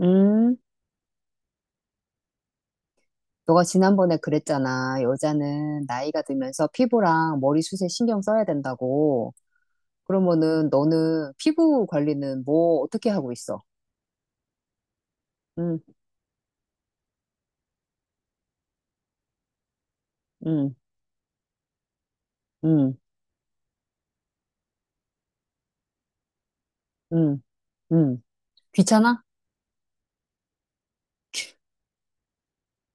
음, 너가 지난번에 그랬잖아. 여자는 나이가 들면서 피부랑 머리숱에 신경 써야 된다고. 그러면은 너는 피부 관리는 뭐 어떻게 하고 있어? 응, 응, 응, 응, 응 귀찮아?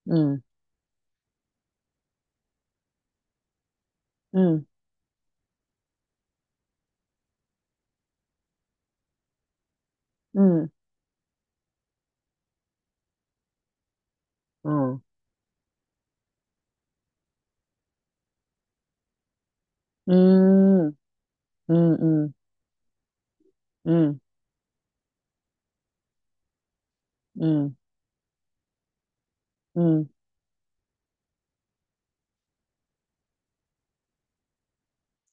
응. 응. 응. 어, 음, 음, 음, 음, 음, 음.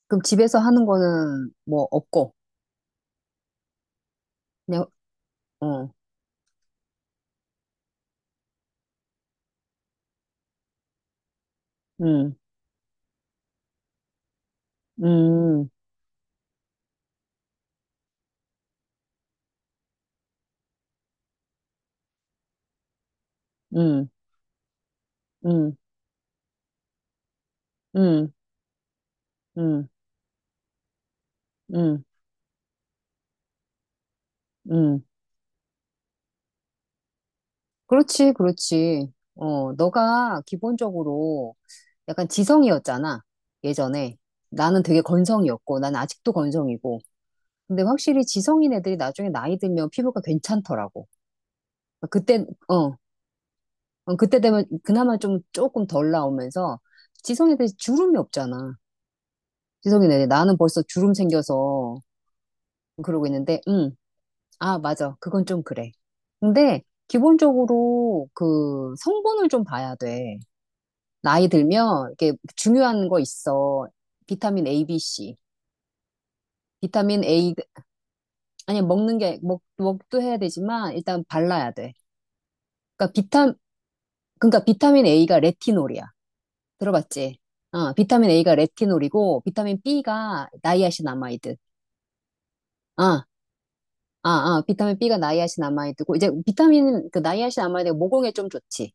그럼 집에서 하는 거는 뭐 없고, 그냥, 어, 음, 음, 음, 음, 음, 음, 음, 음. 그렇지, 그렇지. 어, 너가 기본적으로 약간 지성이었잖아, 예전에. 나는 되게 건성이었고, 난 아직도 건성이고. 근데 확실히 지성인 애들이 나중에 나이 들면 피부가 괜찮더라고. 그때, 어, 어, 그때 되면 그나마 좀 조금 덜 나오면서 지성 애들이 주름이 없잖아. 지성인 애들. 나는 벌써 주름 생겨서 그러고 있는데, 응, 아, 맞아. 그건 좀 그래. 근데 기본적으로 그 성분을 좀 봐야 돼. 나이 들면 이게 중요한 거 있어. 비타민 A, B, C. 비타민 A 아니 먹는 게 먹도 해야 되지만 일단 발라야 돼. 그러니까 비타 그러니까 비타민 A가 레티놀이야. 들어봤지? 어, 비타민 A가 레티놀이고 비타민 B가 나이아신아마이드. 아, 아, 아, 비타민 B가 나이아신아마이드고 이제 비타민 그 나이아신아마이드가 모공에 좀 좋지.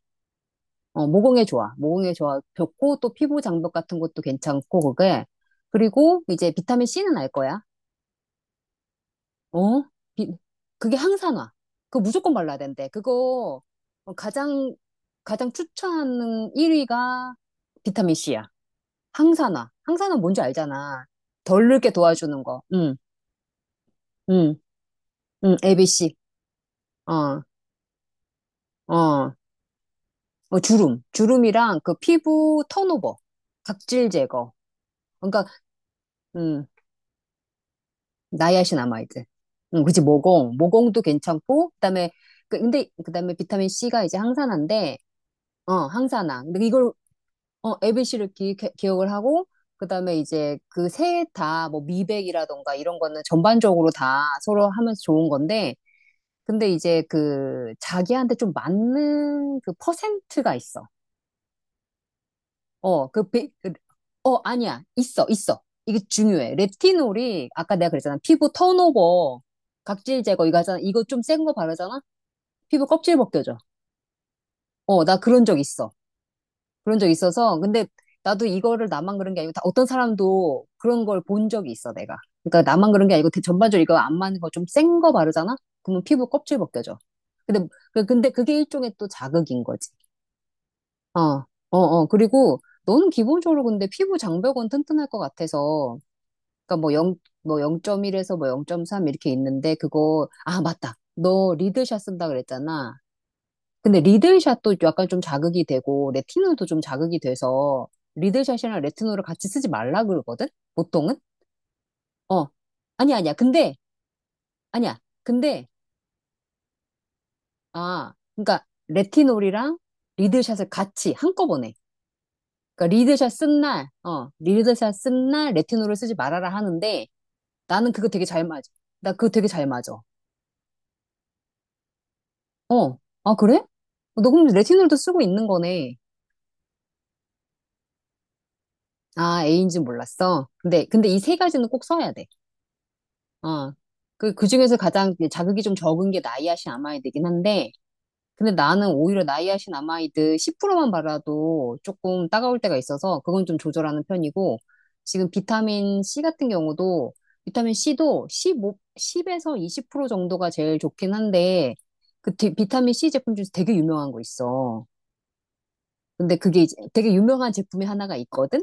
어, 모공에 좋아. 모공에 좋아. 좋고 또 피부 장벽 같은 것도 괜찮고 그게 그리고 이제 비타민 C는 알 거야. 어? 비- 그게 항산 화. 그거 무조건 발라야 된대. 그거 어, 가장, 가장 추천하는 1위가 비타민C야. 항산화. 항산화 뭔지 알잖아. 덜 늙게 도와주는 거. 응, 응, 응, ABC. 어, 어, 어, 주름. 주름이랑 그 피부 턴오버. 각질 제거. 그러니까, 음, 나이아신 아마이드. 응, 그치, 모공. 모공도 괜찮고, 그다음에, 근데, 그다음에 비타민C가 이제 항산화인데, 어, 항산화. 근데 이걸 어, 억을 하고, 그 다음에 이제 그 셋 다 뭐 미백이라던가 이런 거는 전반적으로 다 서로 하면서 좋은 건데, 근데 이제 그 자기한테 좀 맞는 그 퍼센트가 있어. 어, 그, 어, 아니야. 있어, 있어. 이게 중요해. 레티놀이, 아까 내가 그랬잖아. 피부 턴오버, 각질 제거 이거 하잖아. 이거 좀 센 거 바르잖아? 피부 껍질 벗겨져. 어, 나 그런 적 있어. 그런 적 있어서. 근데 나도 이거를 나만 그런 게 아니고 다 어떤 사람도 그런 걸 본 적이 있어, 내가. 그러니까 나만 그런 게 아니고 전반적으로 이거 안 맞는 거 좀 센 거 바르잖아? 그러면 피부 껍질 벗겨져. 근데, 근데 그게 일종의 또 자극인 거지. 어, 어, 어. 그리고 너는 기본적으로 근데 피부 장벽은 튼튼할 것 같아서. 그러니까 뭐 0, 뭐 0.1에서 뭐 0.3 이렇게 있는데 그거, 아, 맞다. 너 리드샷 쓴다 그랬잖아. 근데 리들샷도 약간 좀 자극이 되고 레티놀도 좀 자극이 돼서 리들샷이랑 레티놀을 같이 쓰지 말라 그러거든? 보통은? 어. 아니야, 아니야. 근데 아니야. 근데 아, 그러니까 레티놀이랑 리들샷을 같이 한꺼번에. 그러니까 리들샷 쓴 날, 어, 리들샷 쓴 날 레티놀을 쓰지 말아라 하는데 나는 그거 되게 잘 맞아. 나 그거 되게 잘 맞아. 어. 아, 그래? 어, 너 그럼 레티놀도 쓰고 있는 거네. 아, A인지 몰랐어. 근데 근데 이 세 가지는 꼭 써야 돼. 어. 그, 그 중에서 가장 자극이 좀 적은 게 나이아신 아마이드긴 한데, 근데 나는 오히려 나이아신 아마이드 10%만 발라도 조금 따가울 때가 있어서 그건 좀 조절하는 편이고, 지금 비타민 C 같은 경우도, 비타민 C도 1오십0에서 20% 정도가 제일 좋긴 한데, 비타민 C 제품 중에서 되게 유명한 거 있어. 근데 그게 이제 되게 유명한 제품이 하나가 있거든?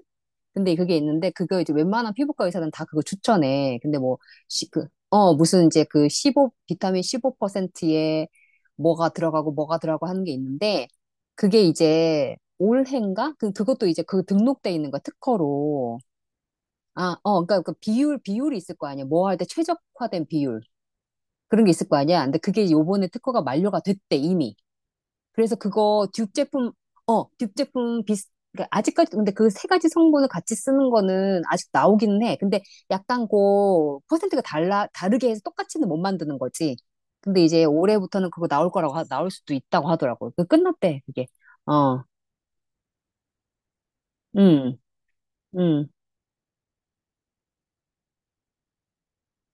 근데 그게 있는데 그거 이제 웬만한 피부과 의사는 다 그거 추천해. 근데 뭐, 시, 그, 어, 무슨 이제 그 15, 비타민 15%에 뭐가 들어가고 뭐가 들어가고 하는 게 있는데 그게 이제 올해인가? 그, 그것도 이제 그 등록돼 있는 거야, 특허로. 아, 어, 그러니까 그 비율, 비율이 있을 거 아니야. 뭐 할 때 최적화된 비율. 그런 게 있을 거 아니야. 근데 그게 요번에 특허가 만료가 됐대, 이미. 그래서 그거 듀 제품, 어, 듀 제품 비슷, 그러니까 아직까지, 근데 그 세 가지 성분을 같이 쓰는 거는 아직 나오기는 해. 근데 약간 그 퍼센트가 달라, 다르게 해서 똑같이는 못 만드는 거지. 근데 이제 올해부터는 그거 나올 거라고, 나올 수도 있다고 하더라고 그 끝났대, 그게. 어, 음, 음,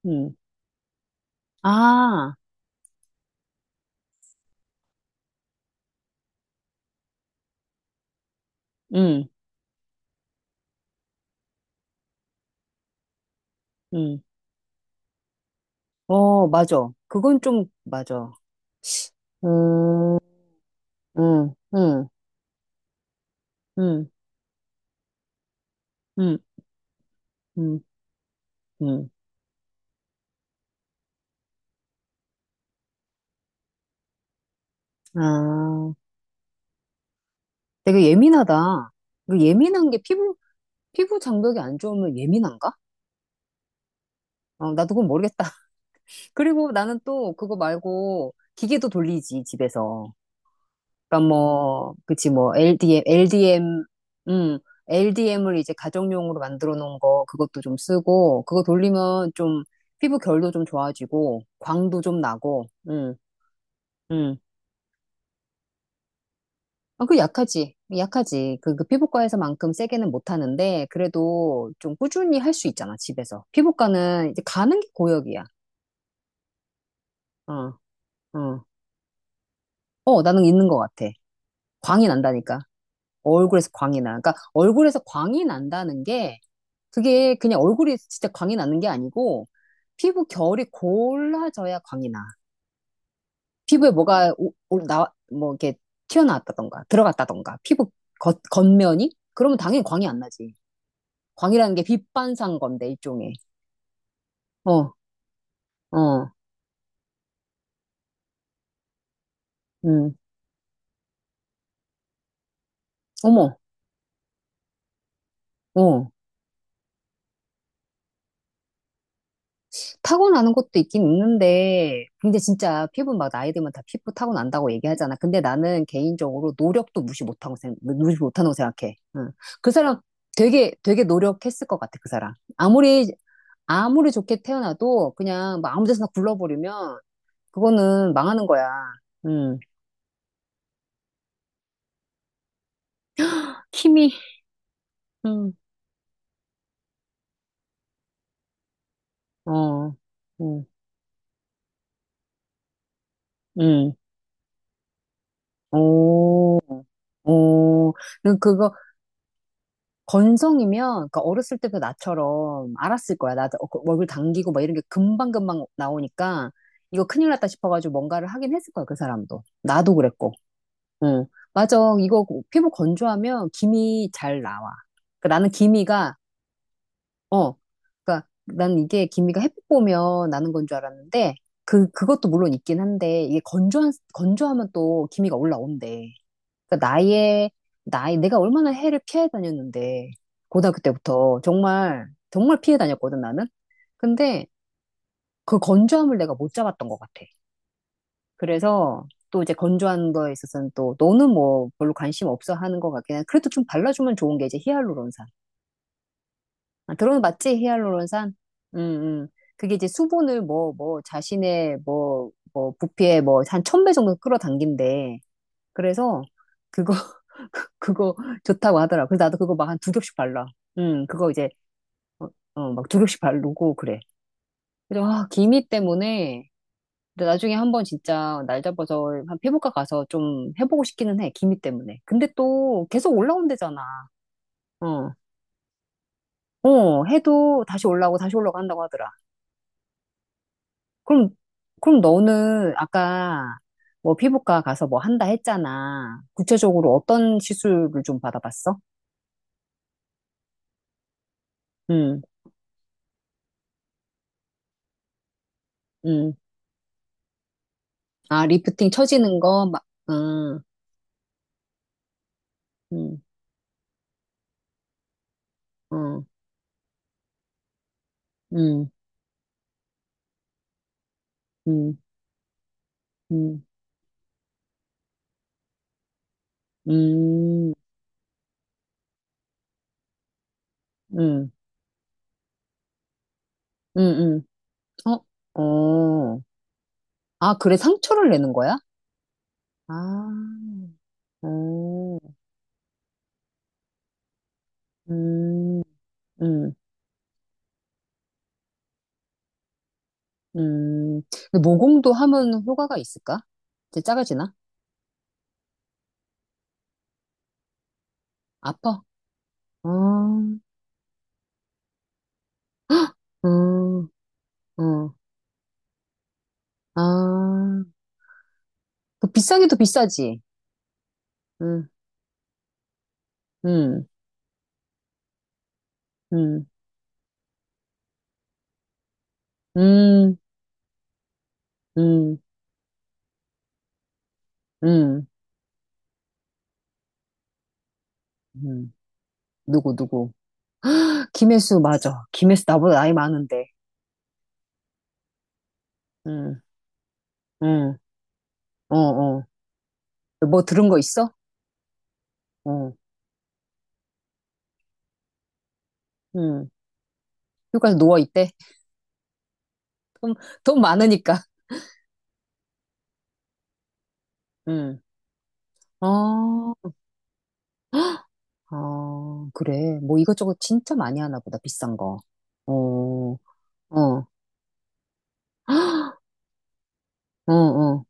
음. 아, 음, 음. 어, 맞아. 그건 좀, 맞아. 음, 음, 음, 음, 음, 음, 음. 아. 되게 예민하다. 그 예민한 게 피부, 피부 장벽이 안 좋으면 예민한가? 어, 나도 그건 모르겠다. 그리고 나는 또 그거 말고 기계도 돌리지, 집에서. 그러니까 뭐, 그치, 뭐, LDM, LDM, 음, LDM을 이제 가정용으로 만들어 놓은 거, 그것도 좀 쓰고, 그거 돌리면 좀 피부 결도 좀 좋아지고, 광도 좀 나고, 음. 아, 그 약하지. 약하지. 그, 그 피부과에서만큼 세게는 못 하는데, 그래도 좀 꾸준히 할 수 있잖아, 집에서. 피부과는 이제 가는 게 고역이야. 어, 어. 어, 나는 있는 것 같아. 광이 난다니까. 얼굴에서 광이 나. 그러니까 얼굴에서 광이 난다는 게, 그게 그냥 얼굴이 진짜 광이 나는 게 아니고, 피부 결이 골라져야 광이 나. 피부에 뭐가, 오, 뭐, 이렇게 튀어나왔다던가, 들어갔다던가, 피부 겉, 겉면이? 그러면 당연히 광이 안 나지. 광이라는 게 빛반사인 건데, 일종의. 어, 어, 음, 어머, 어. 타고나는 것도 있긴 있는데, 근데 진짜 피부 막 나이 들면 다 피부 타고난다고 얘기하잖아. 근데 나는 개인적으로 노력도 무시 못하고 생각, 무시 못하는 거 생각해. 응. 그 사람 되게, 되게 노력했을 것 같아, 그 사람. 아무리, 아무리 좋게 태어나도 그냥 막 아무 데서나 굴러버리면, 그거는 망하는 거야. 응. 음. 힘이, 응, 어, 응. 응, 오. 어, 그거 건성이면, 그러니까 어렸을 때부터 나처럼 알았을 거야. 나 어, 그 얼굴 당기고 막 이런 게 금방금방 나오니까 이거 큰일 났다 싶어가지고 뭔가를 하긴 했을 거야, 그 사람도. 나도 그랬고. 응. 맞아. 이거 피부 건조하면 기미 잘 나와. 그러니까 나는 기미가, 어, 그러니까 난 이게 기미가 햇빛 보면 나는 건 줄 알았는데 그, 그것도 물론 있긴 한데 이게 건조한, 건조하면 또 기미가 올라온대. 그러니까 나의 나이 내가 얼마나 해를 피해 다녔는데 고등학교 때부터 정말 정말 피해 다녔거든 나는. 근데 그 건조함을 내가 못 잡았던 것 같아. 그래서 또 이제 건조한 거에 있어서는 또 너는 뭐 별로 관심 없어 하는 것 같긴 해. 그래도 좀 발라주면 좋은 게 이제 히알루론산. 아, 들어봤지? 히알루론산? 음, 음. 그게 이제 수분을 뭐, 뭐, 자신의 뭐, 뭐, 부피에 뭐, 한 천 배 정도 끌어당긴대. 그래서 그거 그, 거 좋다고 하더라. 그래서 나도 그거 막 한 두 겹씩 발라. 그거 이제, 어, 어, 막 두 겹씩 바르고 그래. 그래서, 아, 기미 때문에, 근데 나중에 한번 진짜 날 잡아서 한 피부과 가서 좀 해보고 싶기는 해. 기미 때문에. 근데 또 계속 올라온대잖아. 어, 어, 해도 다시 올라오고 다시 올라오고 한다고 하더라. 그럼, 그럼 너는 아까 뭐 피부과 가서 뭐 한다 했잖아. 구체적으로 어떤 시술을 좀 받아봤어? 응, 응. 아, 리프팅 처지는 거, 막, 아, 음, 어, 음, 음, 음, 음, 음, 음, 음, 어, 어. 아, 그래, 상처를 내는 거야? 아, 어, 음, 음, 음. 근데 모공도 하면 효과가 있을까? 이제 작아지나? 아파? 어, 어, 어, 아. 그 비싸기도 비싸지. 음, 음, 음, 음, 음, 음. 음, 누구, 누구. 김혜수, 맞아. 김혜수 나보다 나이 많은데. 응, 응, 어, 어. 뭐 들은 거 있어? 어, 응. 휴가에서 누워있대. 돈 많으니까. 응. 어, 아 그래. 뭐 이것저것 진짜 많이 하나 보다, 비싼 거. 어, 어, 어, 어.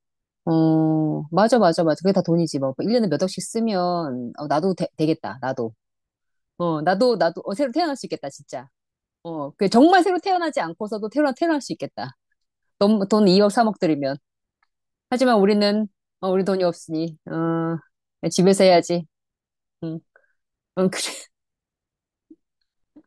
어, 맞아, 맞아, 맞아. 그게 다 돈이지. 뭐, 1년에 몇 억씩 쓰면, 어, 나도 되, 되겠다, 나도. 어, 나도, 나도, 어, 새로 태어날 수 있겠다, 진짜. 어, 그 정말 새로 태어나지 않고서도 태어나, 태어날 수 있겠다. 돈, 돈 2억, 3억 들이면. 하지만 우리는, 어, 우리 돈이 없으니, 어, 집에서 해야지. 음